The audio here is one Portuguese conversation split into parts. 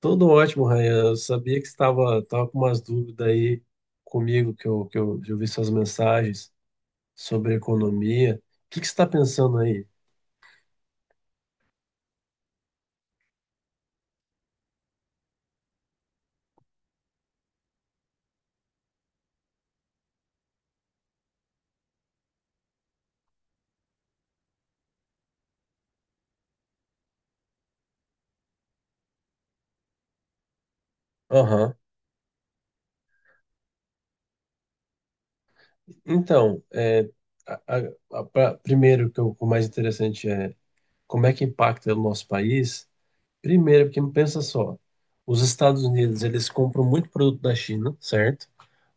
Tudo ótimo, Ryan. Eu sabia que você estava tava com umas dúvidas aí comigo, eu vi suas mensagens sobre economia. O que que você está pensando aí? Aham. Então, é, a- a- primeiro, o mais interessante é como é que impacta o nosso país. Primeiro, porque pensa só, os Estados Unidos, eles compram muito produto da China, certo?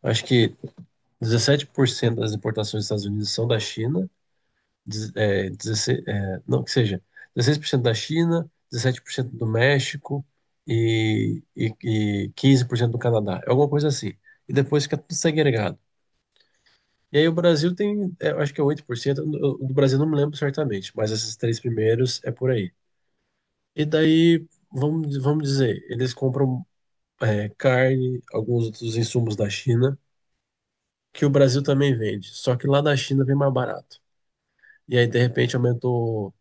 Acho que 17% das importações dos Estados Unidos são da China. dez- é, 16, é, não, que seja, 16% da China, 17% do México e 15% do Canadá. É alguma coisa assim. E depois fica tudo segregado. E aí o Brasil tem, é, eu acho que é 8%, do Brasil não me lembro certamente, mas esses três primeiros é por aí. E daí, vamos dizer, eles compram é, carne, alguns outros insumos da China, que o Brasil também vende, só que lá da China vem mais barato. E aí, de repente, aumentou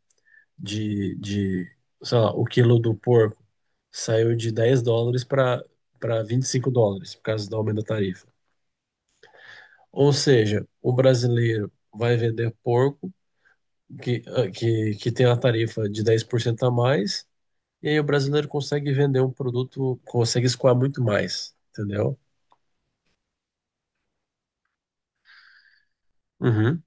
de, de, sei lá, o quilo do porco saiu de $10 para $25 por causa do aumento da tarifa. Ou seja, o brasileiro vai vender porco que tem a tarifa de 10% a mais, e aí o brasileiro consegue vender um produto, consegue escoar muito mais, entendeu? Uhum.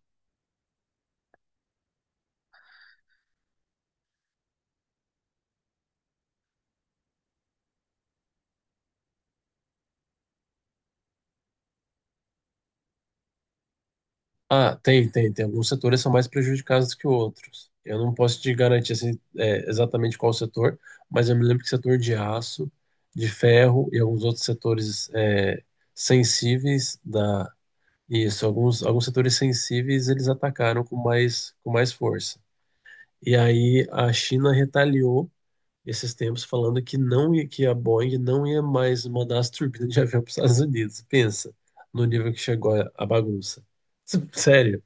Ah, tem. Alguns setores são mais prejudicados que outros. Eu não posso te garantir assim, é, exatamente qual setor, mas eu me lembro que setor de aço, de ferro e alguns outros setores é, sensíveis da... Isso, alguns setores sensíveis eles atacaram com com mais força. E aí a China retaliou esses tempos falando que não ia, que a Boeing não ia mais mandar as turbinas de avião para os Estados Unidos. Pensa no nível que chegou a bagunça. Sério.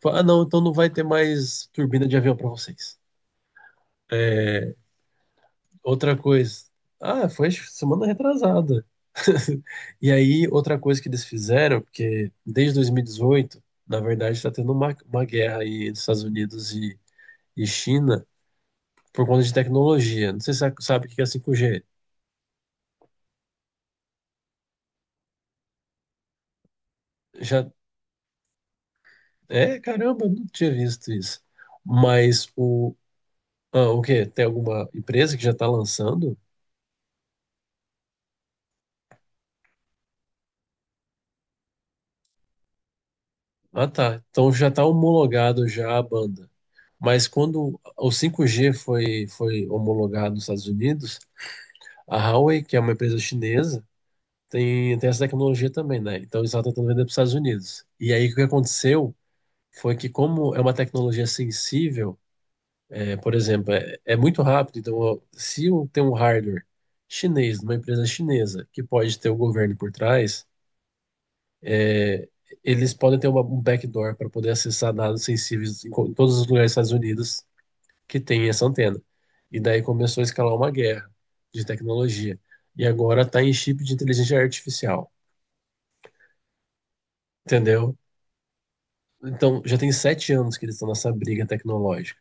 Fala, ah, não, então não vai ter mais turbina de avião para vocês. Outra coisa. Ah, foi semana retrasada. E aí, outra coisa que eles fizeram, porque desde 2018, na verdade, está tendo uma guerra aí entre Estados Unidos e China por conta de tecnologia. Não sei se você sabe o que é 5G. Já, é, caramba, eu não tinha visto isso. Mas o. Ah, o quê? Tem alguma empresa que já está lançando? Ah, tá. Então já está homologado já a banda. Mas quando o 5G foi homologado nos Estados Unidos, a Huawei, que é uma empresa chinesa, tem essa tecnologia também, né? Então eles estavam tentando vender para os Estados Unidos. E aí o que aconteceu foi que, como é uma tecnologia sensível, é, por exemplo, é muito rápido. Então, ó, se um, tem um hardware chinês, numa empresa chinesa, que pode ter o governo por trás, é, eles podem ter um backdoor para poder acessar dados sensíveis em, em todos os lugares dos Estados Unidos que tem essa antena. E daí começou a escalar uma guerra de tecnologia. E agora está em chip de inteligência artificial, entendeu? Então, já tem 7 anos que eles estão nessa briga tecnológica.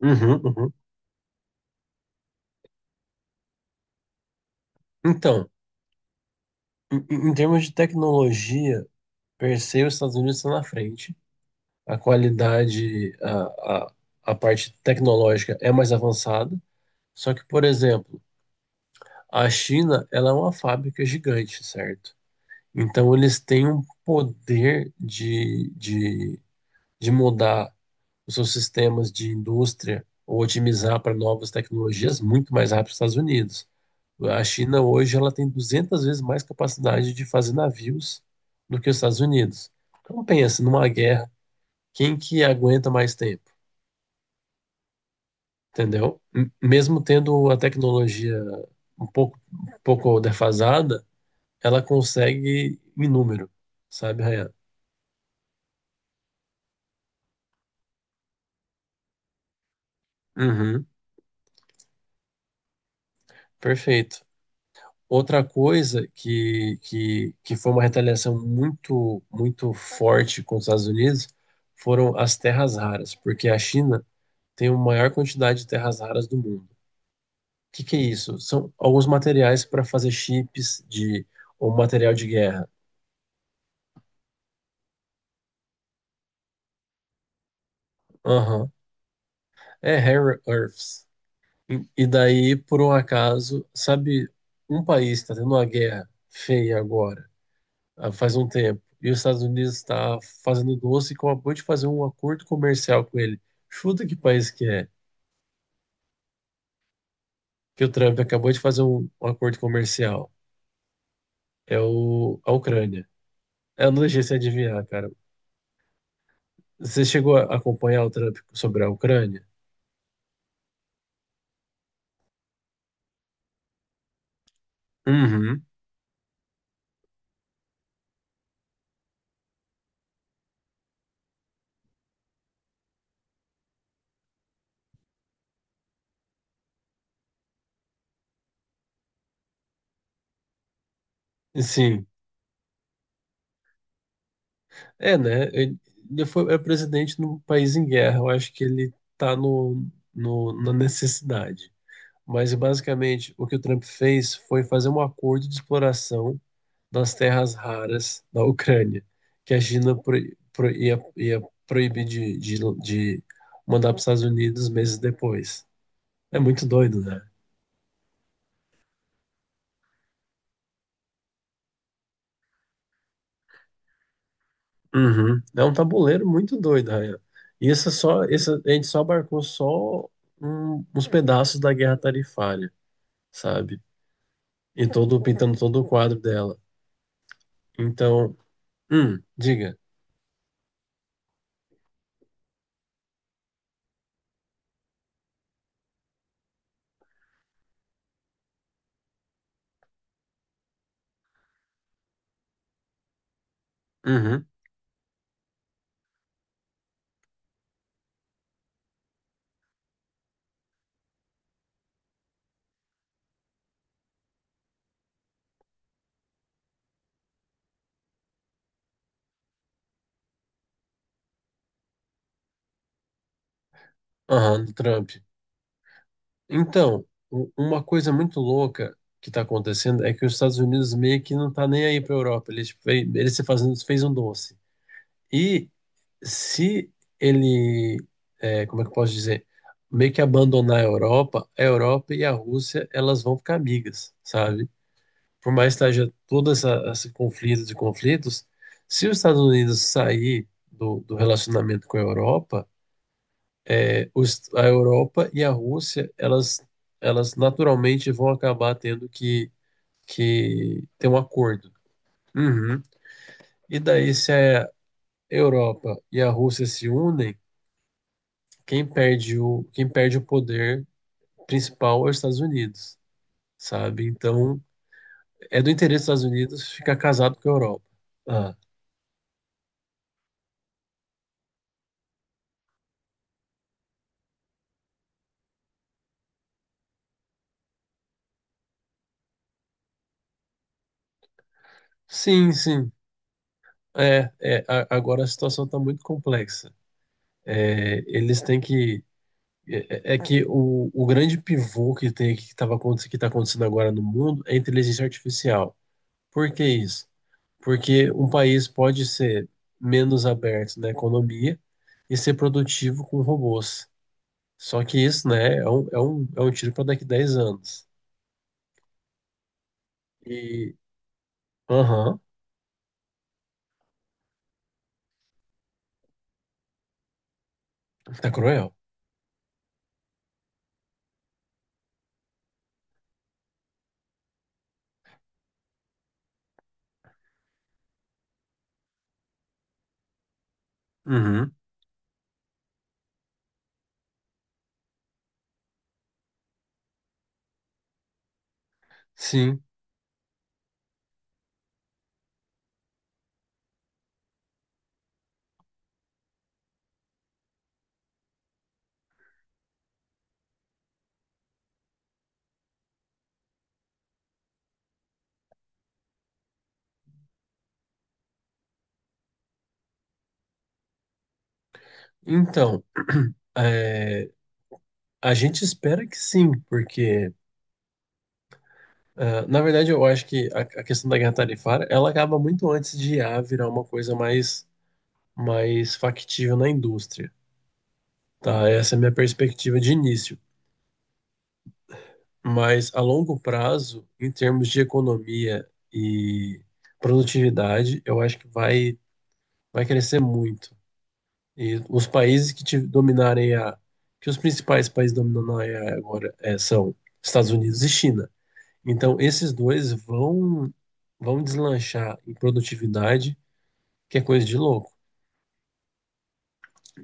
Uhum. Então, em em termos de tecnologia, percebo, os Estados Unidos estão na frente. A qualidade, a parte tecnológica é mais avançada. Só que, por exemplo, a China, ela é uma fábrica gigante, certo? Então, eles têm um poder de mudar os seus sistemas de indústria ou otimizar para novas tecnologias muito mais rápido que os Estados Unidos. A China hoje ela tem 200 vezes mais capacidade de fazer navios do que os Estados Unidos. Então pensa numa guerra quem que aguenta mais tempo, entendeu? Mesmo tendo a tecnologia um pouco defasada, ela consegue em número, sabe, Rayan? Uhum, perfeito. Outra coisa que foi uma retaliação muito forte com os Estados Unidos foram as terras raras, porque a China tem a maior quantidade de terras raras do mundo. O que que é isso? São alguns materiais para fazer chips de ou material de guerra. É Rare Earths. E daí, por um acaso, sabe, um país está tendo uma guerra feia agora, ah, faz um tempo, e os Estados Unidos está fazendo doce e acabou de fazer um acordo comercial com ele. Chuta que país que é, que o Trump acabou de fazer um acordo comercial. É o, a Ucrânia. Eu não deixei você adivinhar, cara. Você chegou a acompanhar o Trump sobre a Ucrânia? Uhum. Sim. É, né? Ele foi, é presidente num país em guerra. Eu acho que ele tá na necessidade. Mas, basicamente, o que o Trump fez foi fazer um acordo de exploração das terras raras da Ucrânia, que a China ia proibir de mandar para os Estados Unidos meses depois. É muito doido, né? Uhum. É um tabuleiro muito doido, Ryan. E essa só, isso, a gente só abarcou só uns pedaços da guerra tarifária. Sabe? E todo pintando todo o quadro dela. Então, diga. Uhum, aham, do Trump. Então, uma coisa muito louca que tá acontecendo é que os Estados Unidos meio que não tá nem aí pra Europa. Ele fez, ele se fazendo, fez um doce. E se ele, é, como é que eu posso dizer? Meio que abandonar a Europa e a Rússia, elas vão ficar amigas, sabe? Por mais que haja todo essa, esse conflito de conflitos, se os Estados Unidos sair do relacionamento com a Europa, é, os, a Europa e a Rússia, elas naturalmente vão acabar tendo que ter um acordo. Uhum. E daí, se a Europa e a Rússia se unem, quem perde o poder principal é os Estados Unidos, sabe? Então, é do interesse dos Estados Unidos ficar casado com a Europa. Ah. Sim, sim. A- agora a situação está muito complexa. É, eles têm que. É é que o grande pivô que tem que estava que está acontecendo agora no mundo é a inteligência artificial. Por que isso? Porque um país pode ser menos aberto na economia e ser produtivo com robôs. Só que isso, né, é um, é um tiro para daqui a 10 anos. E. Aham, tá cruel. Uhum, sim. Então. é, A gente espera que sim, porque, ah, na verdade, eu acho que a questão da guerra tarifária, ela acaba muito antes de IA virar uma coisa mais, mais factível na indústria, tá? Essa é a minha perspectiva de início. Mas, a longo prazo, em termos de economia e produtividade, eu acho que vai, vai crescer muito. E os países que te dominarem a... que os principais países dominando a IA agora é, são Estados Unidos e China. Então, esses dois vão vão deslanchar em produtividade, que é coisa de louco.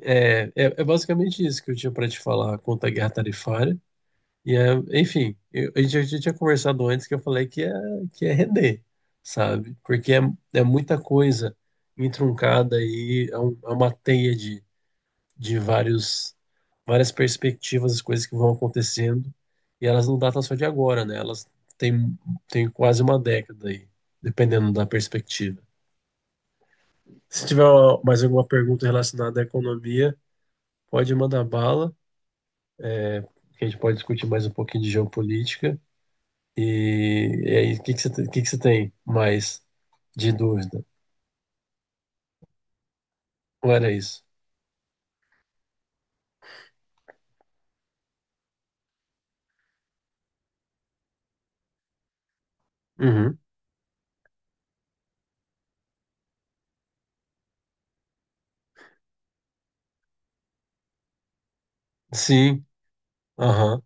É, é, é basicamente isso que eu tinha para te falar quanto à guerra tarifária. E é, enfim, eu, a gente já tinha conversado antes que eu falei que é render, sabe? Porque é, é muita coisa entroncada aí, é, é uma teia de vários, várias perspectivas, as coisas que vão acontecendo, e elas não datam só de agora, né? Elas têm, têm quase uma década aí, dependendo da perspectiva. Se tiver mais alguma pergunta relacionada à economia, pode mandar bala, que a gente pode discutir mais um pouquinho de geopolítica. E aí, o que que você tem mais de dúvida? Ou era isso? Uhum. Sim, aham.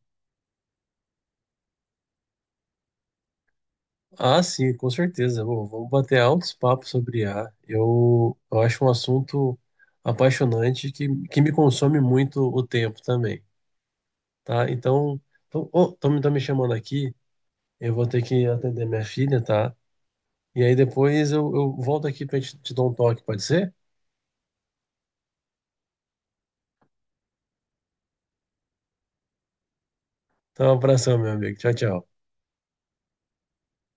Ah, sim, com certeza. Bom, vamos bater altos papos sobre IA. Eu acho um assunto apaixonante que me consome muito o tempo também, tá? Então, tô me chamando aqui, eu vou ter que atender minha filha, tá? E aí depois eu volto aqui pra gente te dar um toque, pode ser? Então, um abração, meu amigo. Tchau, tchau.